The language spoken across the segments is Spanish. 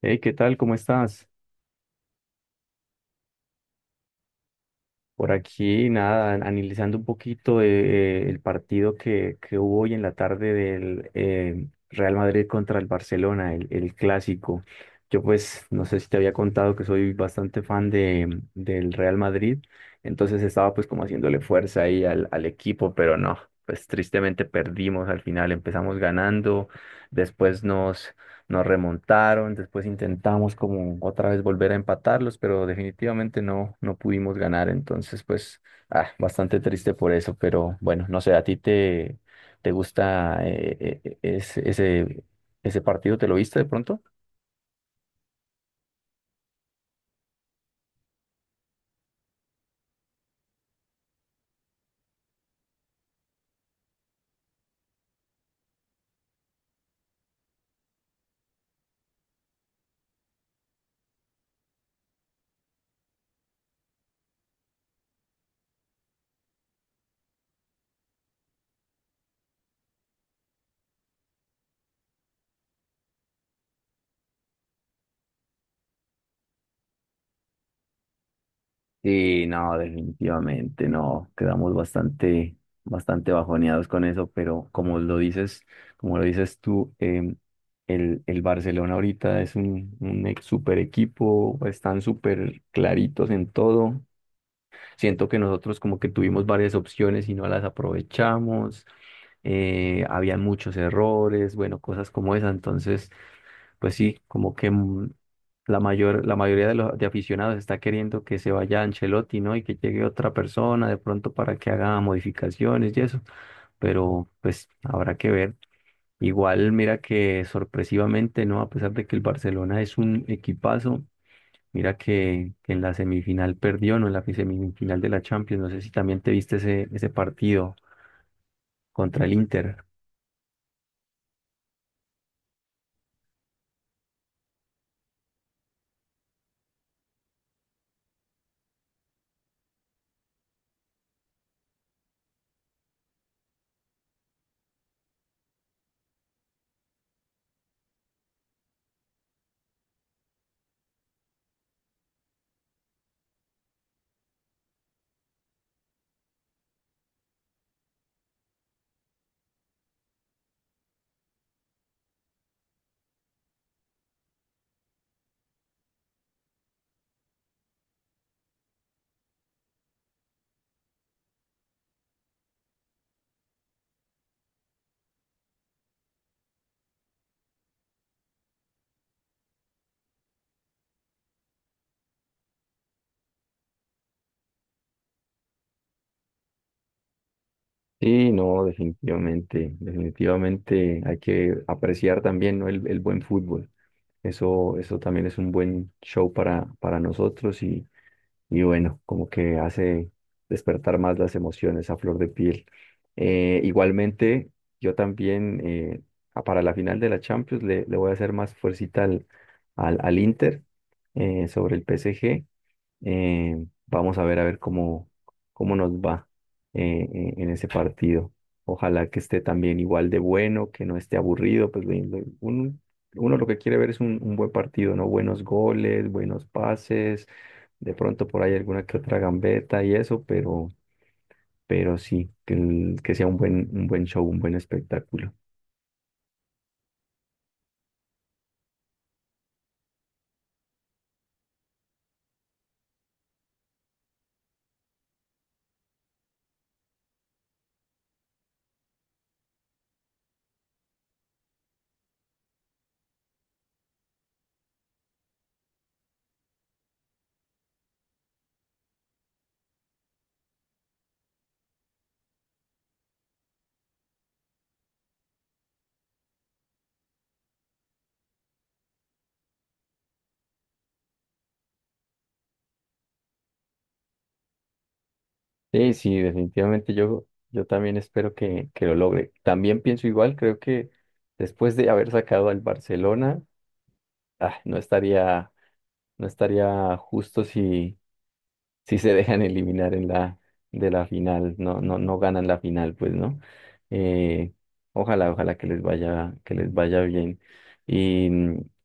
Hey, ¿qué tal? ¿Cómo estás? Por aquí, nada, analizando un poquito el partido que hubo hoy en la tarde del Real Madrid contra el Barcelona, el clásico. Yo pues no sé si te había contado que soy bastante fan del Real Madrid, entonces estaba pues como haciéndole fuerza ahí al equipo, pero no, pues tristemente perdimos al final, empezamos ganando, después nos remontaron, después intentamos como otra vez volver a empatarlos, pero definitivamente no, no pudimos ganar, entonces pues ah, bastante triste por eso, pero bueno, no sé, ¿a ti te gusta ese partido? ¿Te lo viste de pronto? Sí, no, definitivamente no. Quedamos bastante bajoneados con eso, pero como lo dices tú, el Barcelona ahorita es un super equipo, están súper claritos en todo. Siento que nosotros como que tuvimos varias opciones y no las aprovechamos. Había muchos errores, bueno, cosas como esa. Entonces, pues sí, como que la mayoría de los de aficionados está queriendo que se vaya Ancelotti, ¿no? Y que llegue otra persona de pronto para que haga modificaciones y eso, pero pues habrá que ver. Igual, mira que sorpresivamente, ¿no? A pesar de que el Barcelona es un equipazo, mira que en la semifinal perdió, ¿no? En la semifinal de la Champions, no sé si también te viste ese partido contra el Inter. Sí, no, definitivamente hay que apreciar también, ¿no? El buen fútbol. Eso también es un buen show para nosotros y bueno, como que hace despertar más las emociones a flor de piel. Igualmente, yo también para la final de la Champions le voy a hacer más fuercita al Inter sobre el PSG. Vamos a ver cómo nos va en ese partido. Ojalá que esté también igual de bueno, que no esté aburrido, pues uno lo que quiere ver es un buen partido, ¿no? Buenos goles, buenos pases, de pronto por ahí alguna que otra gambeta y eso, pero sí, que sea un buen show, un buen espectáculo. Sí, sí, yo también espero que lo logre. También pienso igual, creo que después de haber sacado al Barcelona, ah, no estaría justo si se dejan eliminar de la final, no, no, no ganan la final, pues, ¿no? Eh, ojalá que les vaya bien. Y,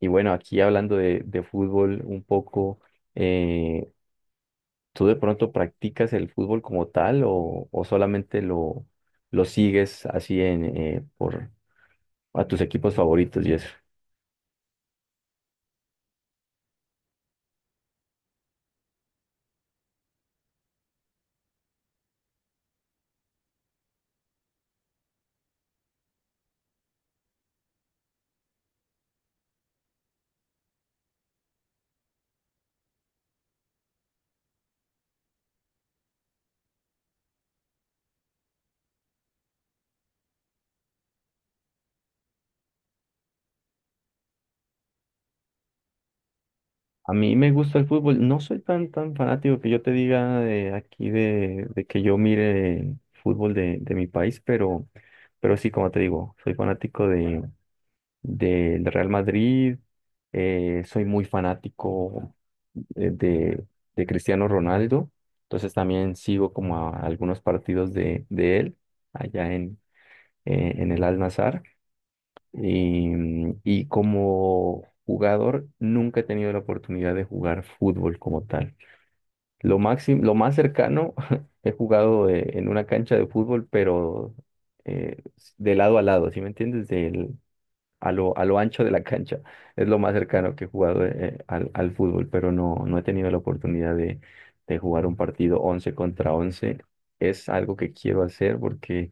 y bueno, aquí hablando de fútbol un poco, eh, ¿tú de pronto practicas el fútbol como tal o solamente lo sigues así en, por, a tus equipos favoritos y eso? A mí me gusta el fútbol. No soy tan fanático que yo te diga de aquí de que yo mire fútbol de mi país, pero sí, como te digo, soy fanático de Real Madrid, soy muy fanático eh, de, de Cristiano Ronaldo, entonces también sigo como a algunos partidos de él allá en el Al-Nassr. Y, mm, y como jugador nunca he tenido la oportunidad de jugar fútbol como tal. Lo máximo, lo más cercano he jugado en una cancha de fútbol, pero eh, de lado a lado, ¿sí me entiendes? Del, a lo ancho de la cancha. Es lo más cercano que he jugado al fútbol, pero no, no he tenido la oportunidad de jugar un partido 11 contra once. Es algo que quiero hacer porque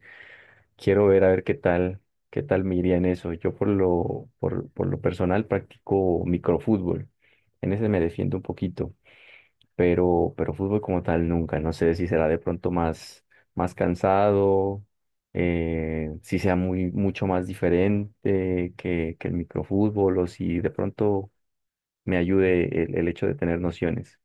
quiero ver a ver qué tal me iría en eso. Yo por lo personal practico microfútbol. En ese me defiendo un poquito pero fútbol como tal nunca. No sé si será de pronto más cansado, si sea muy, mucho más diferente que el microfútbol o si de pronto me ayude el hecho de tener nociones.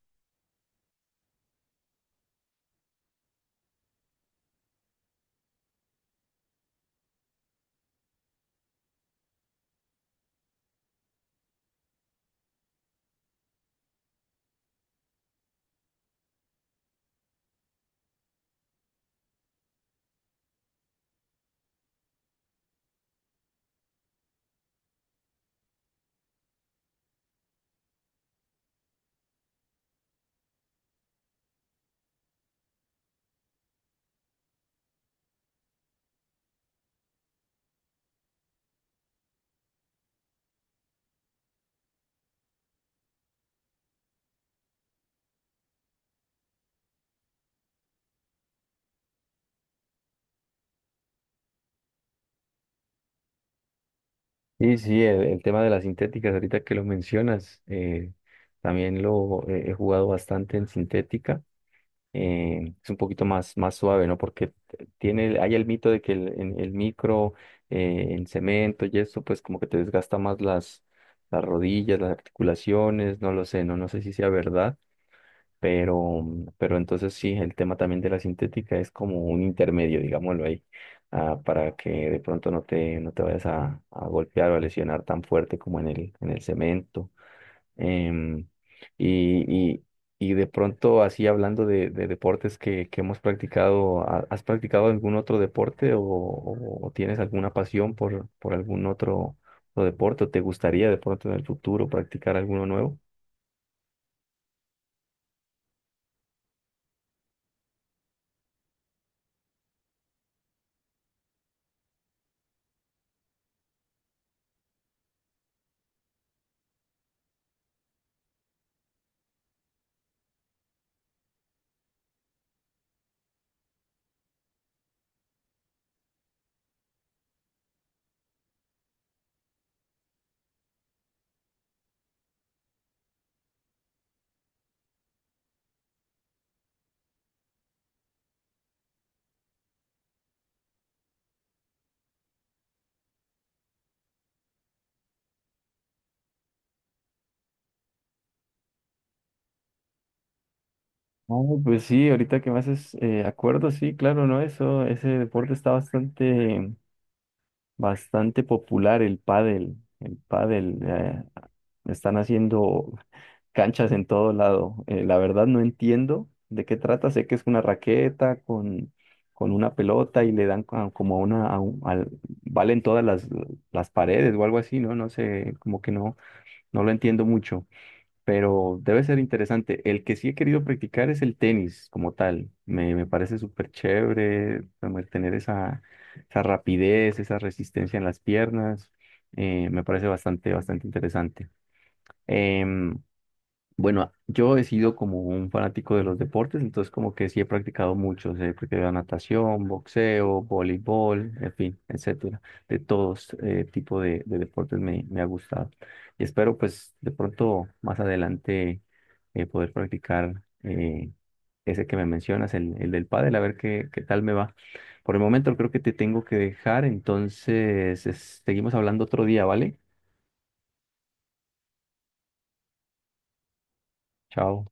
Sí sí, el tema de las sintéticas, ahorita que lo mencionas, también lo he jugado bastante en sintética. Eh, es un poquito más suave, ¿no? Porque tiene, hay el mito de que el, el micro, en cemento y eso, pues como que te desgasta más las rodillas, las articulaciones, no lo sé, no, no sé si sea verdad, pero, pero entonces sí, el tema también de la sintética es como un intermedio, digámoslo ahí, ah, para que de pronto no te, no te vayas a golpear o a lesionar tan fuerte como en el cemento. Em, y, y- y de pronto, así hablando de deportes que hemos practicado, ¿has practicado algún otro deporte o, o tienes alguna pasión por algún otro deporte? ¿O te gustaría de pronto en el futuro practicar alguno nuevo? Oh, pues sí, ahorita que me haces acuerdo, sí, claro, ¿no? Eso, ese deporte está bastante popular, el pádel. El pádel, están haciendo canchas en todo lado. La verdad no entiendo de qué trata. Sé que es una raqueta con una pelota y le dan como a una, a valen todas las paredes o algo así, ¿no? No sé, como que no, no lo entiendo mucho, pero debe ser interesante. El que sí he querido practicar es el tenis como tal. Me parece súper chévere como el tener esa rapidez, esa resistencia en las piernas. Me parece bastante interesante. Em, bueno, yo he sido como un fanático de los deportes, entonces como que sí he practicado muchos, he practicado natación, boxeo, voleibol, en fin, etcétera. De todos tipo de deportes me ha gustado. Y espero pues de pronto más adelante poder practicar ese que me mencionas, el del pádel, a ver qué tal me va. Por el momento creo que te tengo que dejar, entonces seguimos hablando otro día, ¿vale? Chao.